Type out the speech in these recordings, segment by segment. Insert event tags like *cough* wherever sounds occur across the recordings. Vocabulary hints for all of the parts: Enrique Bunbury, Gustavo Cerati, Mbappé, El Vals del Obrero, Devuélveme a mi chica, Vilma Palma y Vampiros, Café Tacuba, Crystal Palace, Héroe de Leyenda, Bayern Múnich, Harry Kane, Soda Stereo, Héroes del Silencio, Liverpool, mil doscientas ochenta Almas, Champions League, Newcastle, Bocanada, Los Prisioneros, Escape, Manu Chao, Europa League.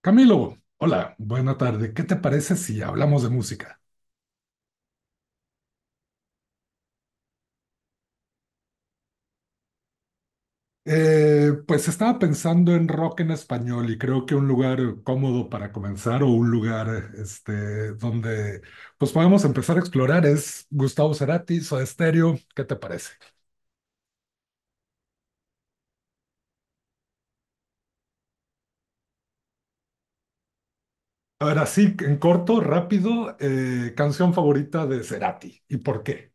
Camilo, hola, buena tarde. ¿Qué te parece si hablamos de música? Pues estaba pensando en rock en español y creo que un lugar cómodo para comenzar o un lugar este, donde pues podemos empezar a explorar es Gustavo Cerati, Soda Stereo. ¿Qué te parece? A ver, así en corto, rápido, canción favorita de Cerati. ¿Y por qué?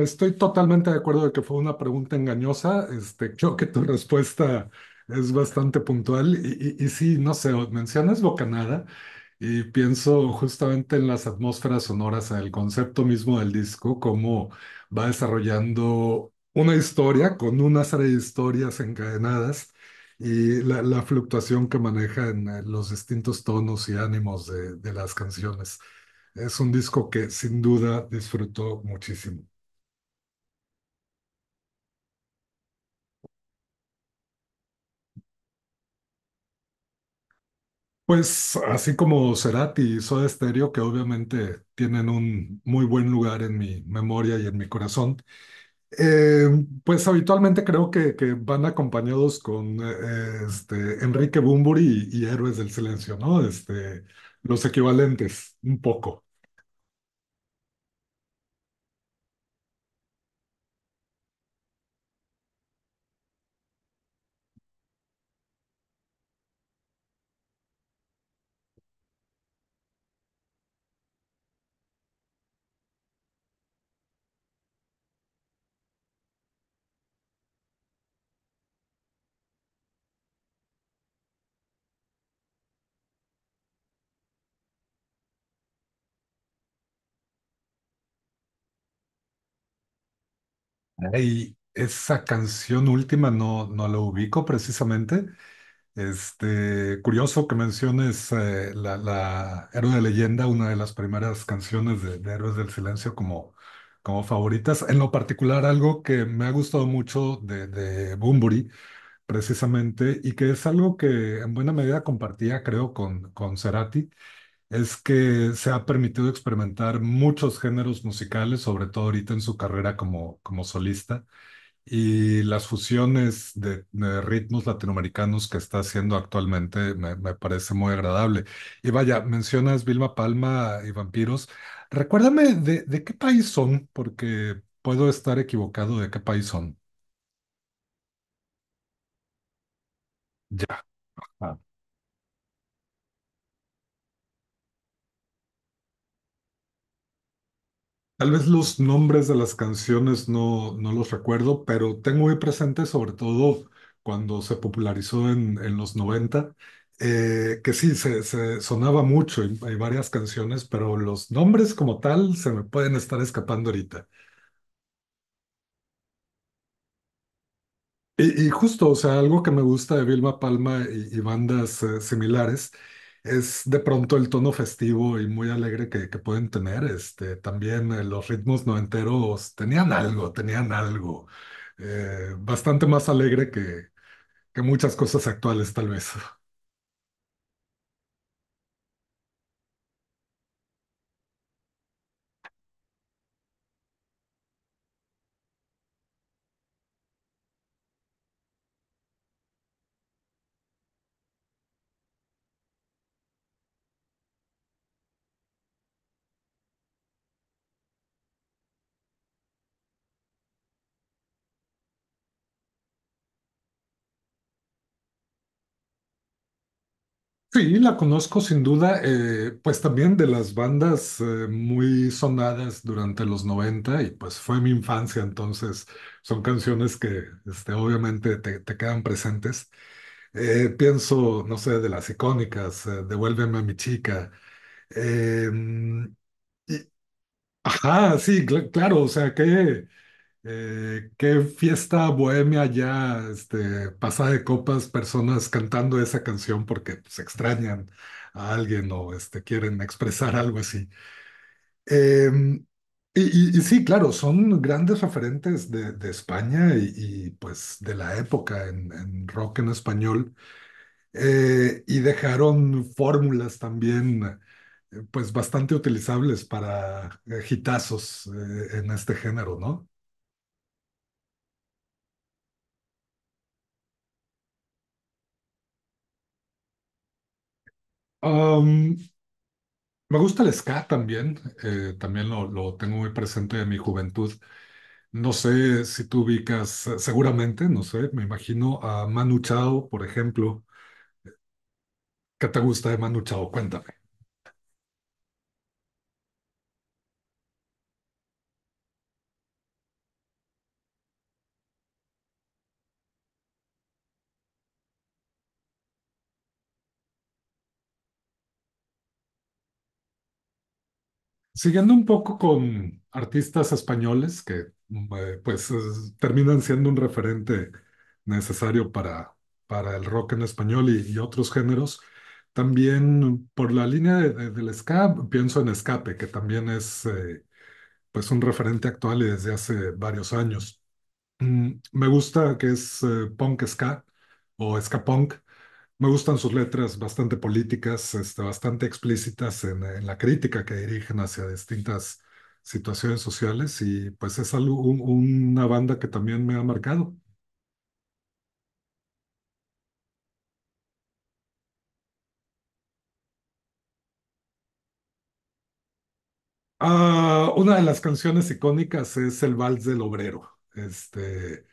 Estoy totalmente de acuerdo de que fue una pregunta engañosa. Este, creo que tu respuesta es bastante puntual. Y sí, no sé, mencionas Bocanada y pienso justamente en las atmósferas sonoras, en el concepto mismo del disco, cómo va desarrollando una historia con una serie de historias encadenadas y la fluctuación que maneja en los distintos tonos y ánimos de las canciones. Es un disco que sin duda disfruto muchísimo. Pues así como Cerati y Soda Stereo, que obviamente tienen un muy buen lugar en mi memoria y en mi corazón, eh, pues habitualmente creo que van acompañados con este, Enrique Bunbury y Héroes del Silencio, ¿no? Este, los equivalentes, un poco. Y esa canción última no, no la ubico precisamente. Este, curioso que menciones la Héroe de Leyenda, una de las primeras canciones de Héroes del Silencio como, como favoritas. En lo particular, algo que me ha gustado mucho de Bunbury, precisamente, y que es algo que en buena medida compartía, creo, con Cerati, es que se ha permitido experimentar muchos géneros musicales, sobre todo ahorita en su carrera como, como solista. Y las fusiones de ritmos latinoamericanos que está haciendo actualmente me, me parece muy agradable. Y vaya, mencionas Vilma Palma y Vampiros. Recuérdame de qué país son, porque puedo estar equivocado de qué país son. Ya. Ah. Tal vez los nombres de las canciones no, no los recuerdo, pero tengo muy presente, sobre todo cuando se popularizó en los 90, que sí, se sonaba mucho y hay varias canciones, pero los nombres como tal se me pueden estar escapando ahorita. Y justo, o sea, algo que me gusta de Vilma Palma y bandas similares es de pronto el tono festivo y muy alegre que pueden tener. Este, también los ritmos noventeros tenían algo bastante más alegre que muchas cosas actuales, tal vez. Sí, la conozco sin duda, pues también de las bandas muy sonadas durante los 90 y pues fue mi infancia, entonces son canciones que este, obviamente te, te quedan presentes. Pienso, no sé, de las icónicas, Devuélveme a mi chica. eh, y- ajá, sí, claro, o sea, que qué fiesta bohemia ya, este, pasada de copas, personas cantando esa canción porque se extrañan a alguien o este, quieren expresar algo así. Eh, y sí, claro, son grandes referentes de España y, pues de la época en rock en español. Y dejaron fórmulas también pues bastante utilizables para hitazos en este género, ¿no? Am, Me gusta el ska también, también lo tengo muy presente de mi juventud. No sé si tú ubicas, seguramente, no sé, me imagino a Manu Chao, por ejemplo. ¿Qué te gusta de Manu Chao? Cuéntame. Siguiendo un poco con artistas españoles que pues terminan siendo un referente necesario para el rock en español y otros géneros, también por la línea del ska, pienso en Escape, que también es... pues un referente actual y desde hace varios años. Me gusta que es punk ska o ska punk. Me gustan sus letras bastante políticas, este, bastante explícitas en la crítica que dirigen hacia distintas situaciones sociales y pues es algo, una banda que también me ha marcado. Ah, una de las canciones icónicas es El Vals del Obrero. Este,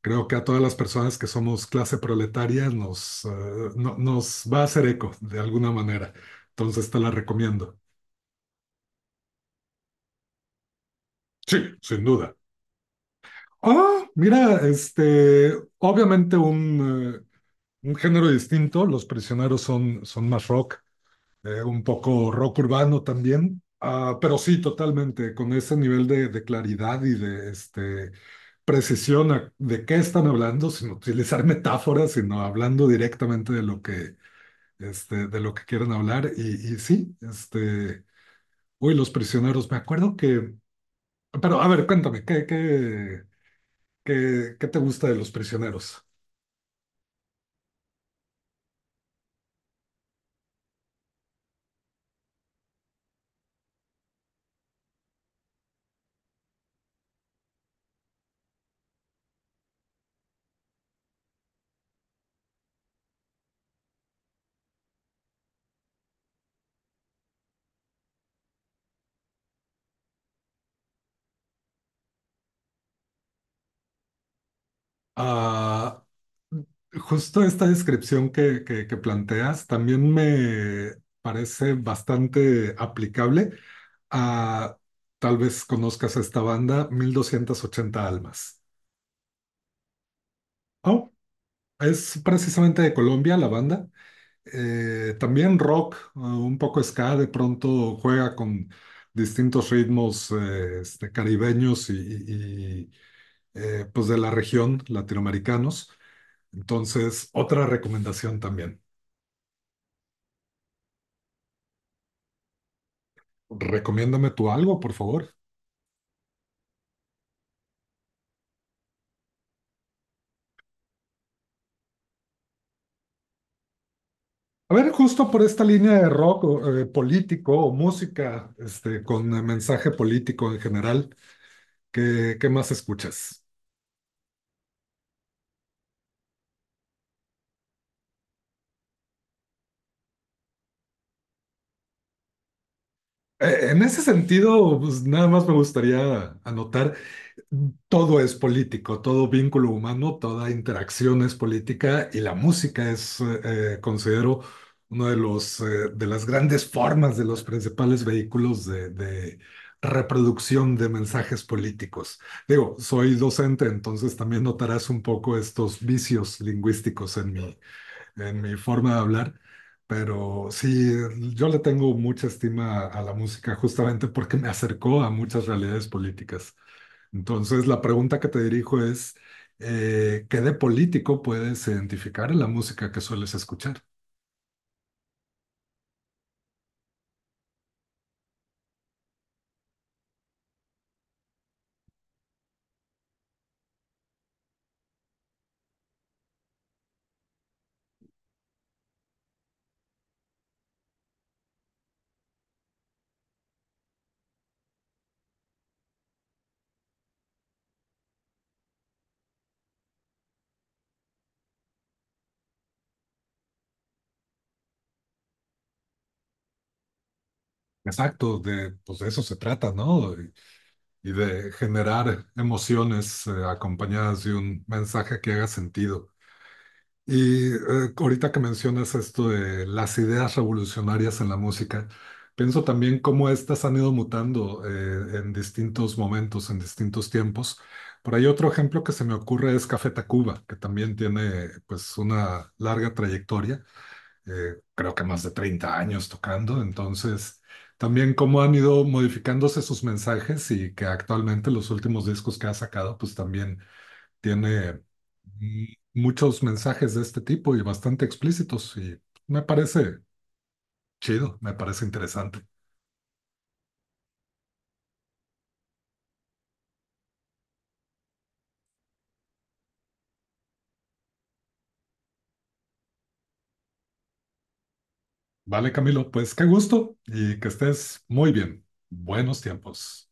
creo que a todas las personas que somos clase proletaria nos, nos va a hacer eco de alguna manera. Entonces te la recomiendo. Sí, sin duda. Ah, mira, este, obviamente un género distinto. Los Prisioneros son, son más rock, un poco rock urbano también. Ah, pero sí, totalmente, con ese nivel de claridad y de este, precisión de qué están hablando, sin utilizar *laughs* metáforas, sino hablando directamente de lo que este, de lo que quieren hablar. Y sí, este, uy, los prisioneros, me acuerdo que, pero a ver, cuéntame, ¿qué, qué, qué, qué te gusta de los prisioneros? Ah, justo esta descripción que planteas también me parece bastante aplicable a, tal vez conozcas esta banda, 1280 Almas. Oh, es precisamente de Colombia la banda. También rock, un poco ska, de pronto juega con distintos ritmos este, caribeños y pues de la región, latinoamericanos. Entonces, otra recomendación también. Recomiéndame tú algo, por favor. A ver, justo por esta línea de rock o, político o música este, con mensaje político en general, ¿qué, qué más escuchas? En ese sentido, pues nada más me gustaría anotar. Todo es político, todo vínculo humano, toda interacción es política y la música es, considero, uno de los, de las grandes formas, de los principales vehículos de reproducción de mensajes políticos. Digo, soy docente, entonces también notarás un poco estos vicios lingüísticos en mi forma de hablar, pero sí, yo le tengo mucha estima a la música justamente porque me acercó a muchas realidades políticas. Entonces, la pregunta que te dirijo es, ¿qué de político puedes identificar en la música que sueles escuchar? Exacto, de, pues de eso se trata, ¿no? Y de generar emociones, acompañadas de un mensaje que haga sentido. Y ahorita que mencionas esto de las ideas revolucionarias en la música, pienso también cómo estas han ido mutando en distintos momentos, en distintos tiempos. Por ahí otro ejemplo que se me ocurre es Café Tacuba, que también tiene pues una larga trayectoria, creo que más de 30 años tocando. Entonces, también cómo han ido modificándose sus mensajes y que actualmente los últimos discos que ha sacado pues también tiene mm, muchos mensajes de este tipo y bastante explícitos y me parece chido, me parece interesante. Vale, Camilo, pues qué gusto y que estés muy bien. Buenos tiempos.